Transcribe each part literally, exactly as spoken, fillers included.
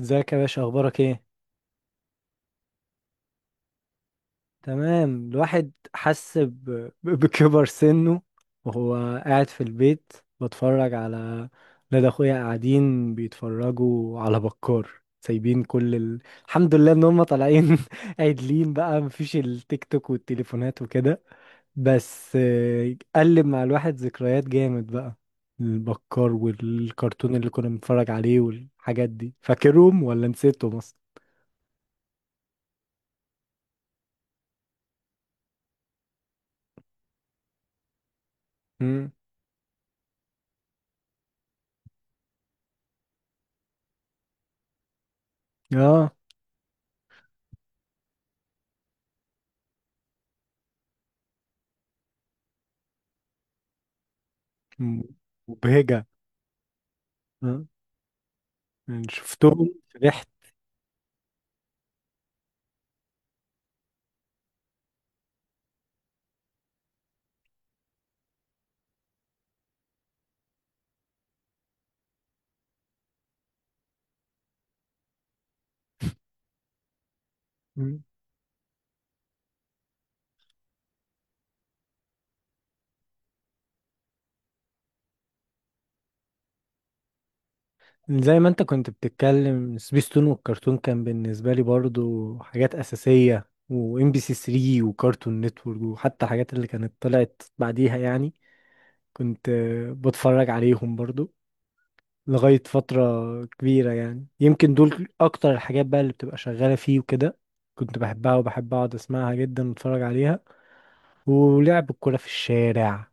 ازيك يا باشا، اخبارك ايه؟ تمام. الواحد حس ب- ب- بكبر سنه وهو قاعد في البيت، بتفرج على ولاد اخويا قاعدين بيتفرجوا على بكار، سايبين كل ال... الحمد لله ان هم طالعين عدلين بقى، مفيش التيك توك والتليفونات وكده. بس آه، قلب مع الواحد ذكريات جامد بقى. البكار والكرتون اللي كنا بنتفرج عليه والحاجات دي، فاكرهم ولا نسيتهم اصلا؟ امم. اه، م- مبهجة. آه. يعني شفتهم فرحت. م. زي ما انت كنت بتتكلم، سبيستون والكرتون كان بالنسبة لي برضو حاجات أساسية، وام بي سي ثري وكارتون نتورك، وحتى حاجات اللي كانت طلعت بعديها يعني. كنت آه، بتفرج عليهم برضو لغاية فترة كبيرة، يعني يمكن دول أكتر الحاجات بقى اللي بتبقى شغالة فيه وكده. كنت بحبها وبحب أقعد أسمعها جدا وأتفرج عليها، ولعب الكورة في الشارع،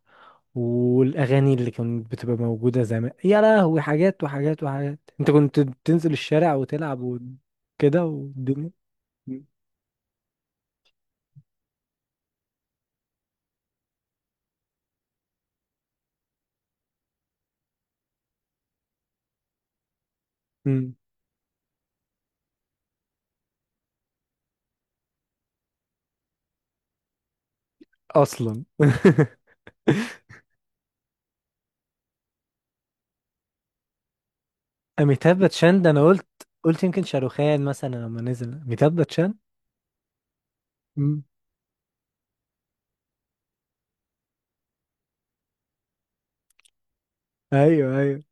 والأغاني اللي كانت بتبقى موجودة زمان. يا لهوي، حاجات وحاجات وحاجات. أنت كنت تنزل الشارع وتلعب وكده، والدنيا. مم. مم. أصلا أميتاب باتشان ده، أنا قلت قلت يمكن شاروخان مثلا لما نزل أميتاب باتشان. مم. أيوه، أيوه.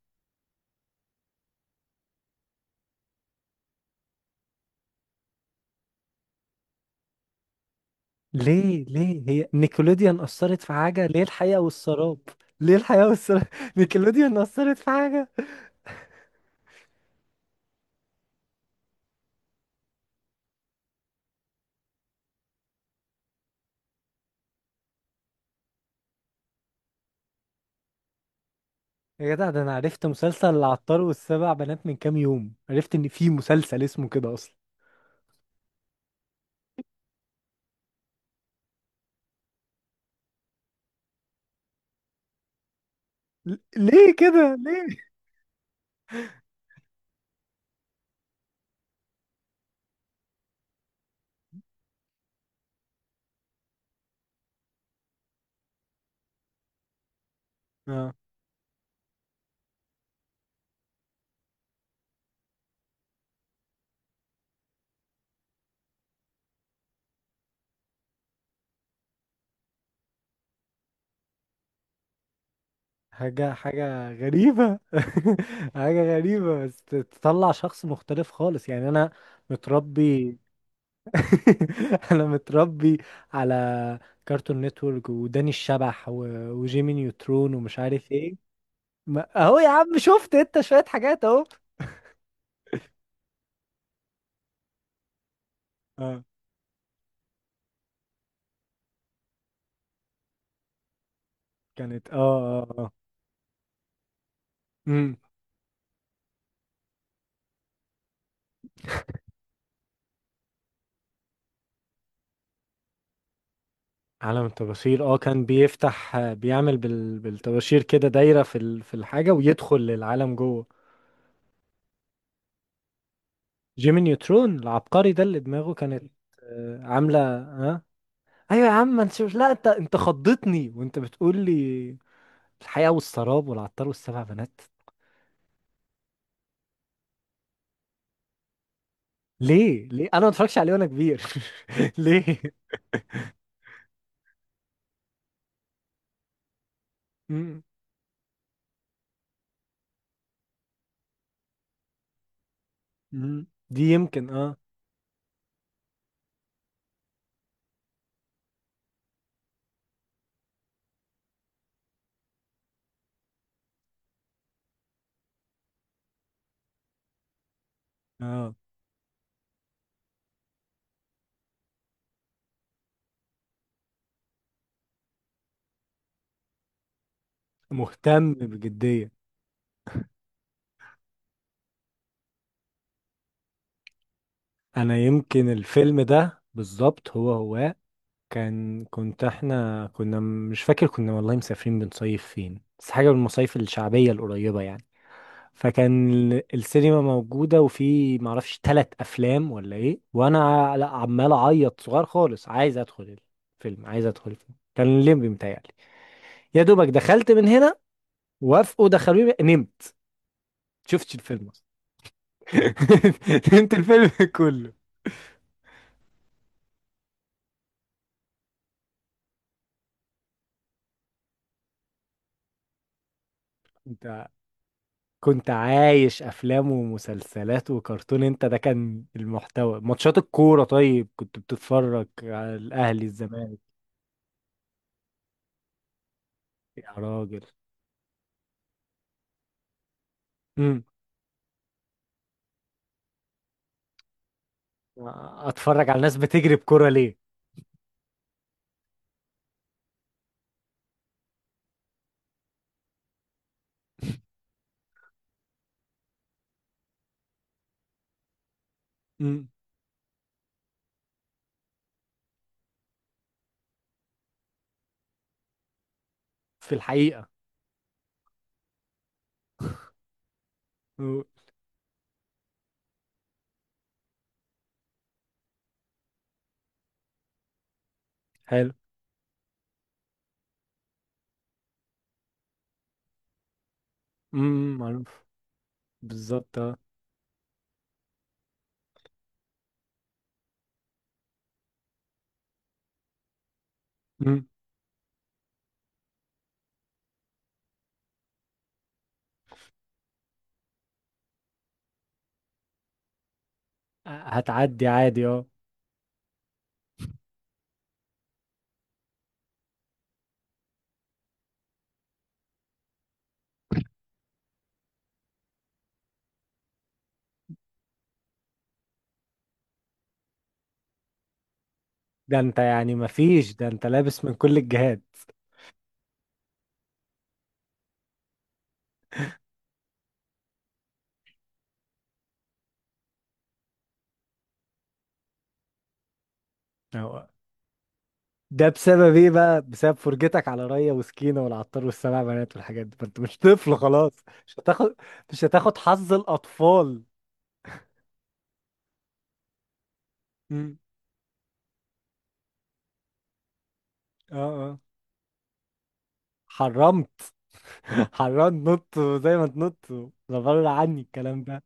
ليه؟ ليه هي نيكولوديان أثرت في حاجة؟ ليه الحياة والسراب؟ ليه الحياة والسراب نيكولوديان أثرت في حاجة؟ يا جدع، ده انا عرفت مسلسل العطار والسبع بنات من كام يوم، عرفت ان في مسلسل اسمه كده اصلا. ل- ليه كده، ليه؟ اه. حاجة حاجة غريبة حاجة غريبة، بس تطلع شخص مختلف خالص، يعني انا متربي انا متربي على كارتون نتورك وداني الشبح و... وجيمي نيوترون ومش عارف ايه. ما... اهو يا عم، شفت انت شوية حاجات اهو. اه، كانت. اه، اه، اه. امم. عالم الطباشير. اه، كان بيفتح بيعمل بال... بالطباشير كده دايرة في ال... في الحاجة، ويدخل للعالم جوه. جيمي نيوترون العبقري، ده اللي دماغه كانت آه، عاملة ها. ايوه يا عم، ما نشوف. لا، انت انت خضتني وانت بتقول لي الحياة والسراب والعطار والسبع بنات. ليه؟ ليه انا ما اتفرجش عليه وانا كبير؟ ليه؟ مم. مم. دي يمكن، اه. اه، مهتم بجدية. انا يمكن الفيلم ده بالظبط، هو هو كان، كنت، احنا كنا، م- مش فاكر، كنا والله مسافرين بنصيف فين، بس حاجة من المصايف الشعبية القريبة يعني. فكان ال- السينما موجودة، وفي معرفش تلات أفلام ولا إيه، وأنا ع- لا، عمال أعيط صغير خالص، عايز أدخل الفيلم عايز أدخل الفيلم كان الليمبي متهيألي. يا دوبك دخلت من هنا. وافقوا، دخلوني، نمت. شفتش الفيلم أصلا نمت الفيلم كله. انت كنت عايش افلام ومسلسلات وكرتون، انت ده كان المحتوى. ماتشات الكوره طيب، كنت بتتفرج على الاهلي الزمالك؟ يا راجل. امم. اتفرج على الناس بتجري بكوره ليه؟ امم. في الحقيقه. أمم. حلو. امم. معروف. بالظبط، اه. أمم. هتعدي عادي، اه. ده انت يعني مفيش، ده انت لابس من كل الجهات. ده بسبب ايه بقى؟ بسبب فرجتك على ريا وسكينة والعطار والسبع بنات والحاجات دي، فانت مش طفل خلاص. مش هتاخد مش هتاخد حظ الاطفال. مم. اه، اه. حرمت حرمت نط، زي ما تنط. لا، بره عني الكلام ده.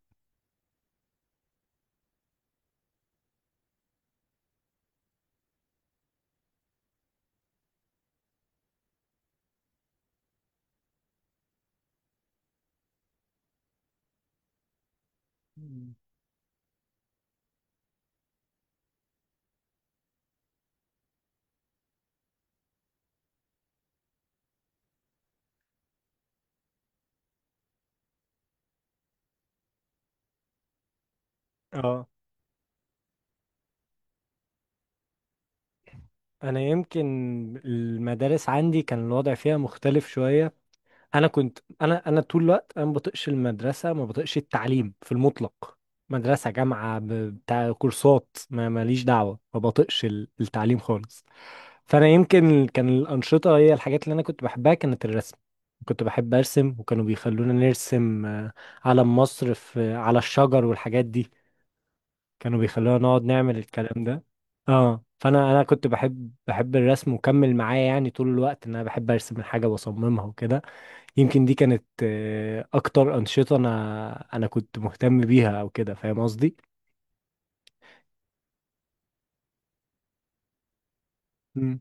مم. اه. انا يمكن المدارس عندي كان الوضع فيها مختلف شوية. انا كنت، انا انا طول الوقت، انا ما بطقش المدرسه، ما بطقش التعليم في المطلق. مدرسه، جامعه، ب- بتاع كورسات، ما ماليش دعوه، ما بطقش ال- التعليم خالص. فانا يمكن، كان الانشطه هي الحاجات اللي انا كنت بحبها، كانت الرسم. كنت بحب ارسم، وكانوا بيخلونا نرسم آه، علم مصر في على الشجر والحاجات دي. كانوا بيخلونا نقعد نعمل الكلام ده. اه، فانا انا كنت بحب، بحب الرسم، وكمل معايا يعني طول الوقت، ان انا بحب ارسم الحاجه واصممها وكده. يمكن دي كانت آه، اكتر انشطه، انا انا كنت مهتم بيها، او كده، فاهم قصدي؟ مم.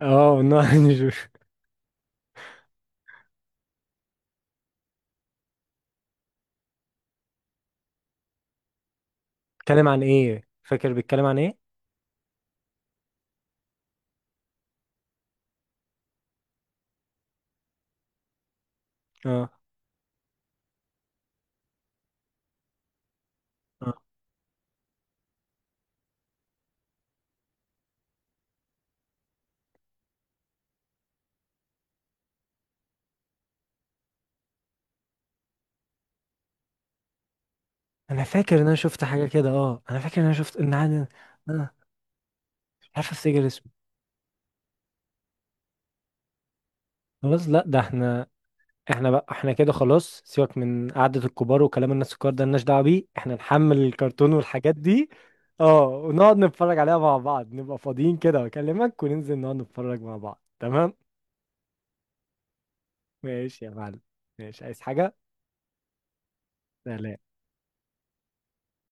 اه، نعم بيتكلم عن ايه، فاكر بيتكلم عن ايه؟ اه، اه، انا فاكر ان انا شفت حاجه كده. اه، انا فاكر ان انا شفت، ان عادي. انا مش عارف افتكر اسمه. خلاص، لا، ده احنا احنا بقى، احنا كده خلاص. سيبك من قعده الكبار وكلام الناس الكبار ده، ملناش دعوه بيه. احنا نحمل الكرتون والحاجات دي. اه، ونقعد نتفرج عليها مع بعض، نبقى فاضيين كده واكلمك، وننزل نقعد نتفرج مع بعض، تمام؟ ماشي يا معلم. ماشي، عايز حاجة. سلام.